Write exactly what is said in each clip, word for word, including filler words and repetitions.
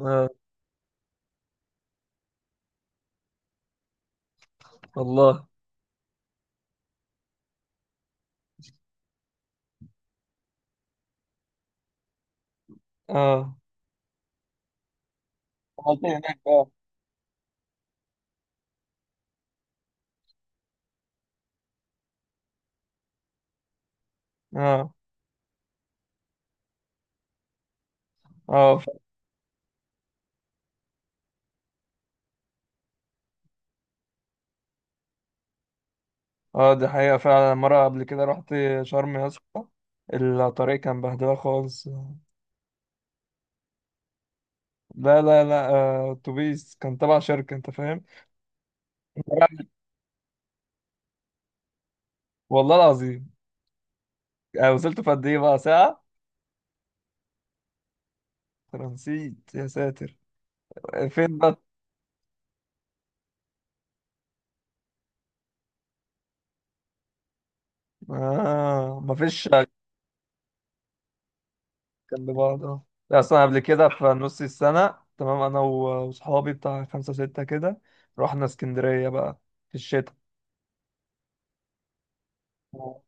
اه. الله. اه عملت إيه هناك بقى؟ اه اه ف- اه دي حقيقة فعلا، مرة قبل كده رحت شرم يا اسطى. الطريق كان بهدلة خالص. لا لا لا، آه، اتوبيس كان تبع شركة، انت فاهم. والله العظيم. آه، وصلت في قد ايه بقى؟ ساعة. أنا نسيت يا ساتر. فين بقى؟ آه مفيش كان. لبعض اه. لا، اصلا قبل كده في نص السنة، تمام، انا و- وصحابي بتاع خمسة ستة كده، رحنا اسكندرية بقى، في الشتاء.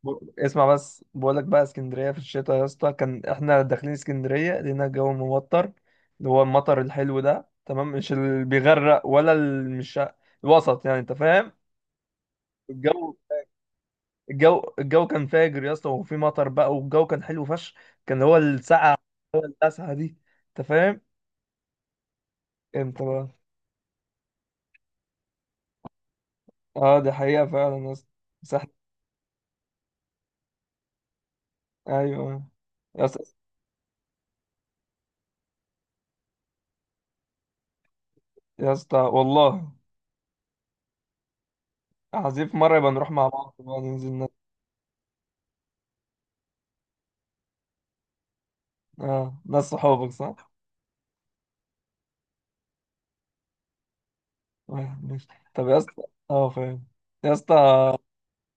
ب- اسمع بس، بقول لك بقى اسكندريه في الشتاء يا اسطى، كان احنا داخلين اسكندريه لقينا الجو ممطر، اللي هو المطر الحلو ده، تمام، مش اللي بيغرق ولا اللي مش الوسط، يعني انت فاهم. الجو. الجو الجو كان فاجر يا اسطى، وفي مطر بقى والجو كان حلو فشخ. كان هو الساعه، هو التاسعه دي، انت فاهم. امتى بقى. اه دي حقيقه فعلا يا اسطى، صح. ايوه. يا اسطى. يا اسطى والله. عايزين في مره يبقى نروح مع بعض بقى ننزل نت- اه، ناس صحابك صح. آه، ماشي. طب يا اسطى. اه فاهم. يا اسطى،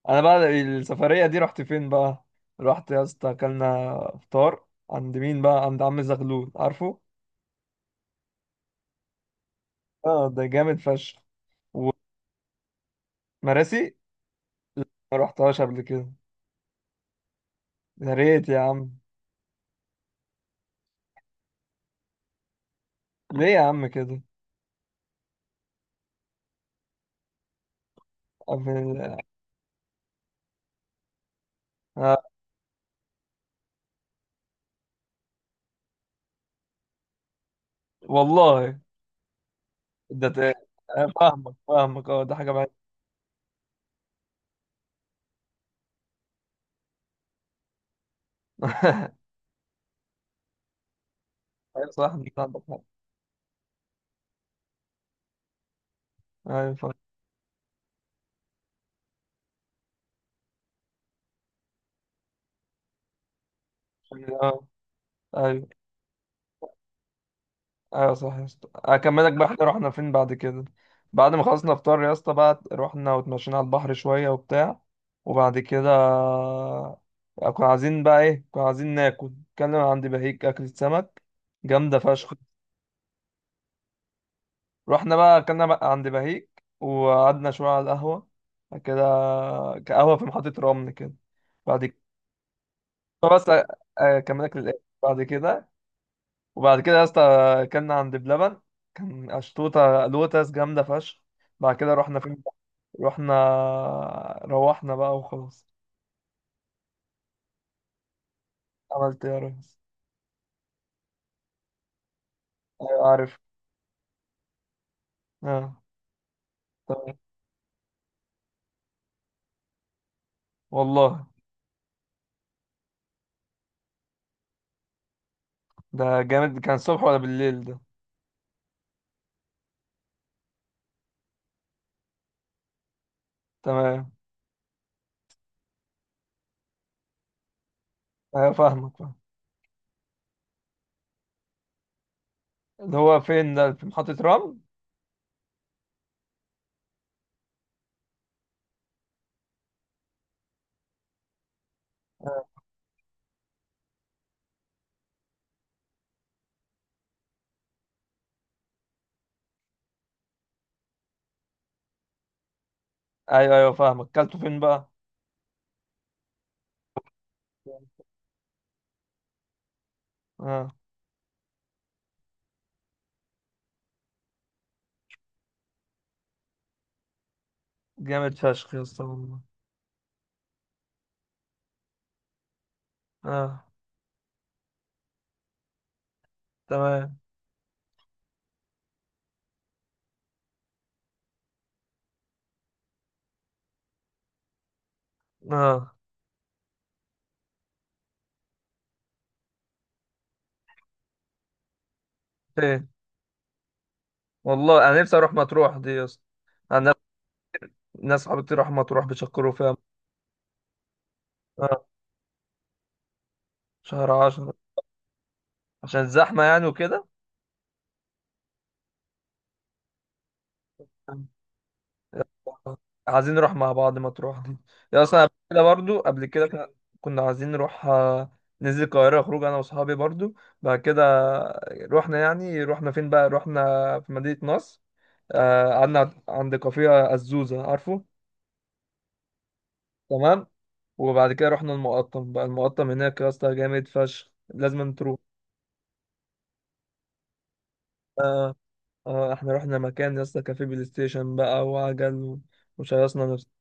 انا بقى السفريه دي رحت فين بقى؟ رحت يا اسطى، اكلنا فطار عند مين بقى؟ عند عم زغلول، عارفه. اه ده جامد فشخ. ومراسي. ما رحتهاش قبل كده. يا ريت يا عم. ليه يا عم كده. قبل- آه، والله. ده ت- آه، فاهمك فاهمك، اه ده حاجه بعيده. ايوه صح، انت عندك حق. ايوه فاهم. آه، ايوه. ايوه صح يا اسطى، اكملك بقى، احنا رحنا فين بعد كده؟ بعد ما خلصنا فطار يا اسطى بقى، رحنا واتمشينا على البحر شويه وبتاع، وبعد كده كنا عايزين بقى ايه، كنا عايزين ناكل، كنا عند بهيك اكلة سمك جامده فشخ. رحنا بقى اكلنا بقى عند بهيك، وقعدنا شويه على القهوه، بعد كده قهوه في محطه رمل كده. بعد كده بس أ- اكملك للاخر بعد كده. وبعد كده يا اسطى، اكلنا عند بلبن، كان اشطوطه لوتس جامده فشخ. بعد كده رحنا فين؟ رحنا. روحنا بقى وخلاص. عملت إيه يا ريس؟ ايوه عارف. اه تمام. والله. ده جامد. كان الصبح ولا بالليل ده؟ تمام. ايوه فاهمك فاهم. اللي هو فين ده، في محطة رمل؟ آه. ايوه ايوه فاهمك، كلته فين بقى؟ اه جامد فشخ يا اسطى والله. اه تمام. اه فين. والله انا نفسي اروح مطروح دي يا اسطى. انا، ناس صحابي كتير راحوا مطروح بيشكروا فيها. آه، شهر عشرة. عشان زحمة يعني وكده. آه، عايزين نروح مع بعض مطروح دي. يا، اصلا قبل كده برضو، قبل كده كنا كنا عايزين نروح، آه، ننزل القاهرة خروج انا واصحابي برضو. بعد كده رحنا، يعني رحنا فين بقى؟ رحنا في مدينة نصر، آه، قعدنا عند كافيه الزوزة، عارفه. تمام. وبعد كده رحنا المقطم بقى، المقطم هناك يا اسطى جامد فشخ، لازم تروح. اه احنا رحنا مكان يا اسطى كافيه بلاي ستيشن بقى وعجل و- وشيصنا نفسنا.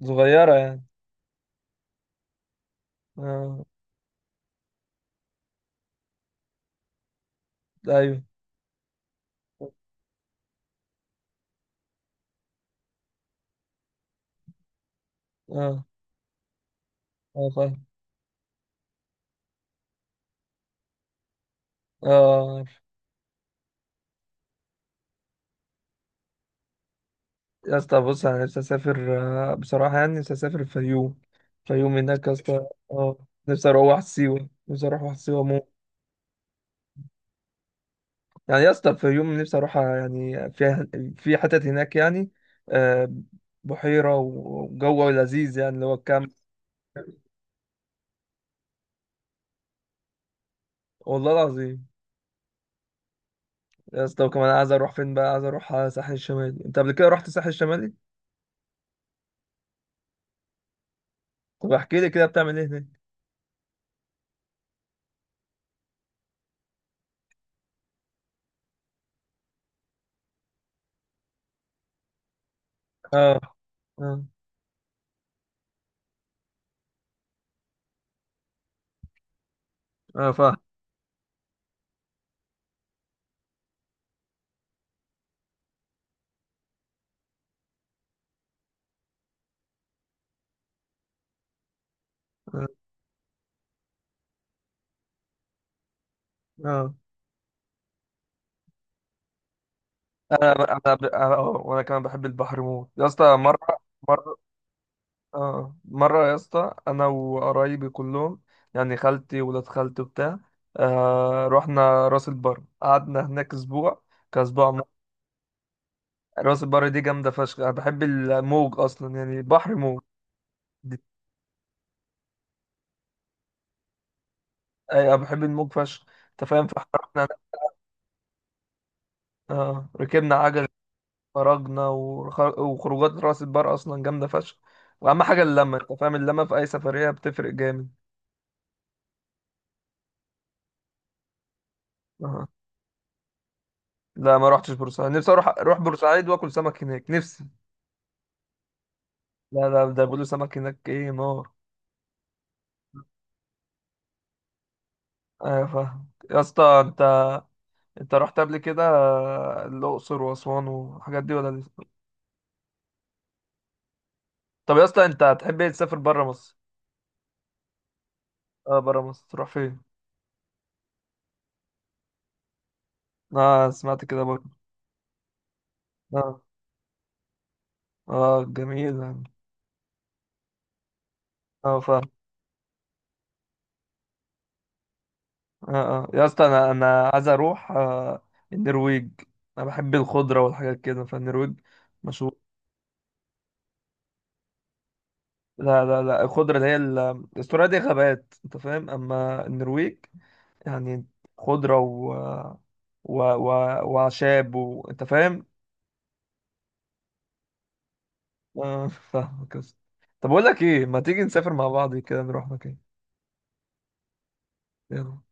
صغيرة يعني. اه. ايوه. اه. اه فاهم. اه يا اسطى، بص انا نفسي اسافر آه، بصراحة يعني نفسي اسافر الفيوم. الفيوم هناك يا اسطى، اه نفسي اروح واحد سيوة، نفسي اروح واحد سيوة مو. يعني يا اسطى الفيوم نفسي اروح، يعني فيها، في حتت هناك يعني، آه، بحيرة وجو لذيذ يعني اللي هو الكامب. والله العظيم. يا اسطى وكمان عايز اروح فين بقى؟ عايز اروح على الساحل الشمالي. انت قبل كده رحت الساحل الشمالي؟ طب احكي لي كده بتعمل ايه هناك. اه. اه. اه فاهم. اه. آه. انا انا أنا- أه، وانا كمان بحب البحر موت يا اسطى، مره. مره. اه مره يا اسطى، انا وقرايبي كلهم، يعني خالتي، ولاد خالتي وبتاع، آه رحنا راس البر، قعدنا هناك اسبوع، كاسبوع م- راس البر دي جامده فشخ، انا بحب الموج اصلا، يعني بحر موج. دي- أي، انا بحب الموج فشخ انت فاهم، فاحنا. اه ركبنا عجل، خرجنا وخ- وخروجات راس البر اصلا جامده فشخ. واهم حاجه اللمه، انت فاهم، اللمه في اي سفريه بتفرق جامد. اه. لا ما رحتش بورسعيد، نفسي اروح اروح بورسعيد واكل سمك هناك، نفسي. لا لا، ده بيقولوا سمك هناك ايه، نار. ايوه فاهم يا اسطى. انت انت رحت قبل كده آه، الاقصر واسوان والحاجات دي، ولا لسه؟ طب يا اسطى، انت هتحب ايه، تسافر بره مصر؟ اه بره مصر تروح فين؟ اه سمعت كده برضه. اه اه جميل يعني. اه فاهم. اه. اه يا اسطى، انا انا عايز اروح آه، النرويج. انا بحب الخضره والحاجات كده، فالنرويج مشهور. لا لا لا، الخضره اللي هي ال- استراليا دي غابات، انت فاهم، اما النرويج يعني خضره و و, و... وعشاب و، انت فاهم. اه فاهمك يا اسطى. طب اقول لك ايه، ما تيجي نسافر مع بعض كده نروح مكان. يلا.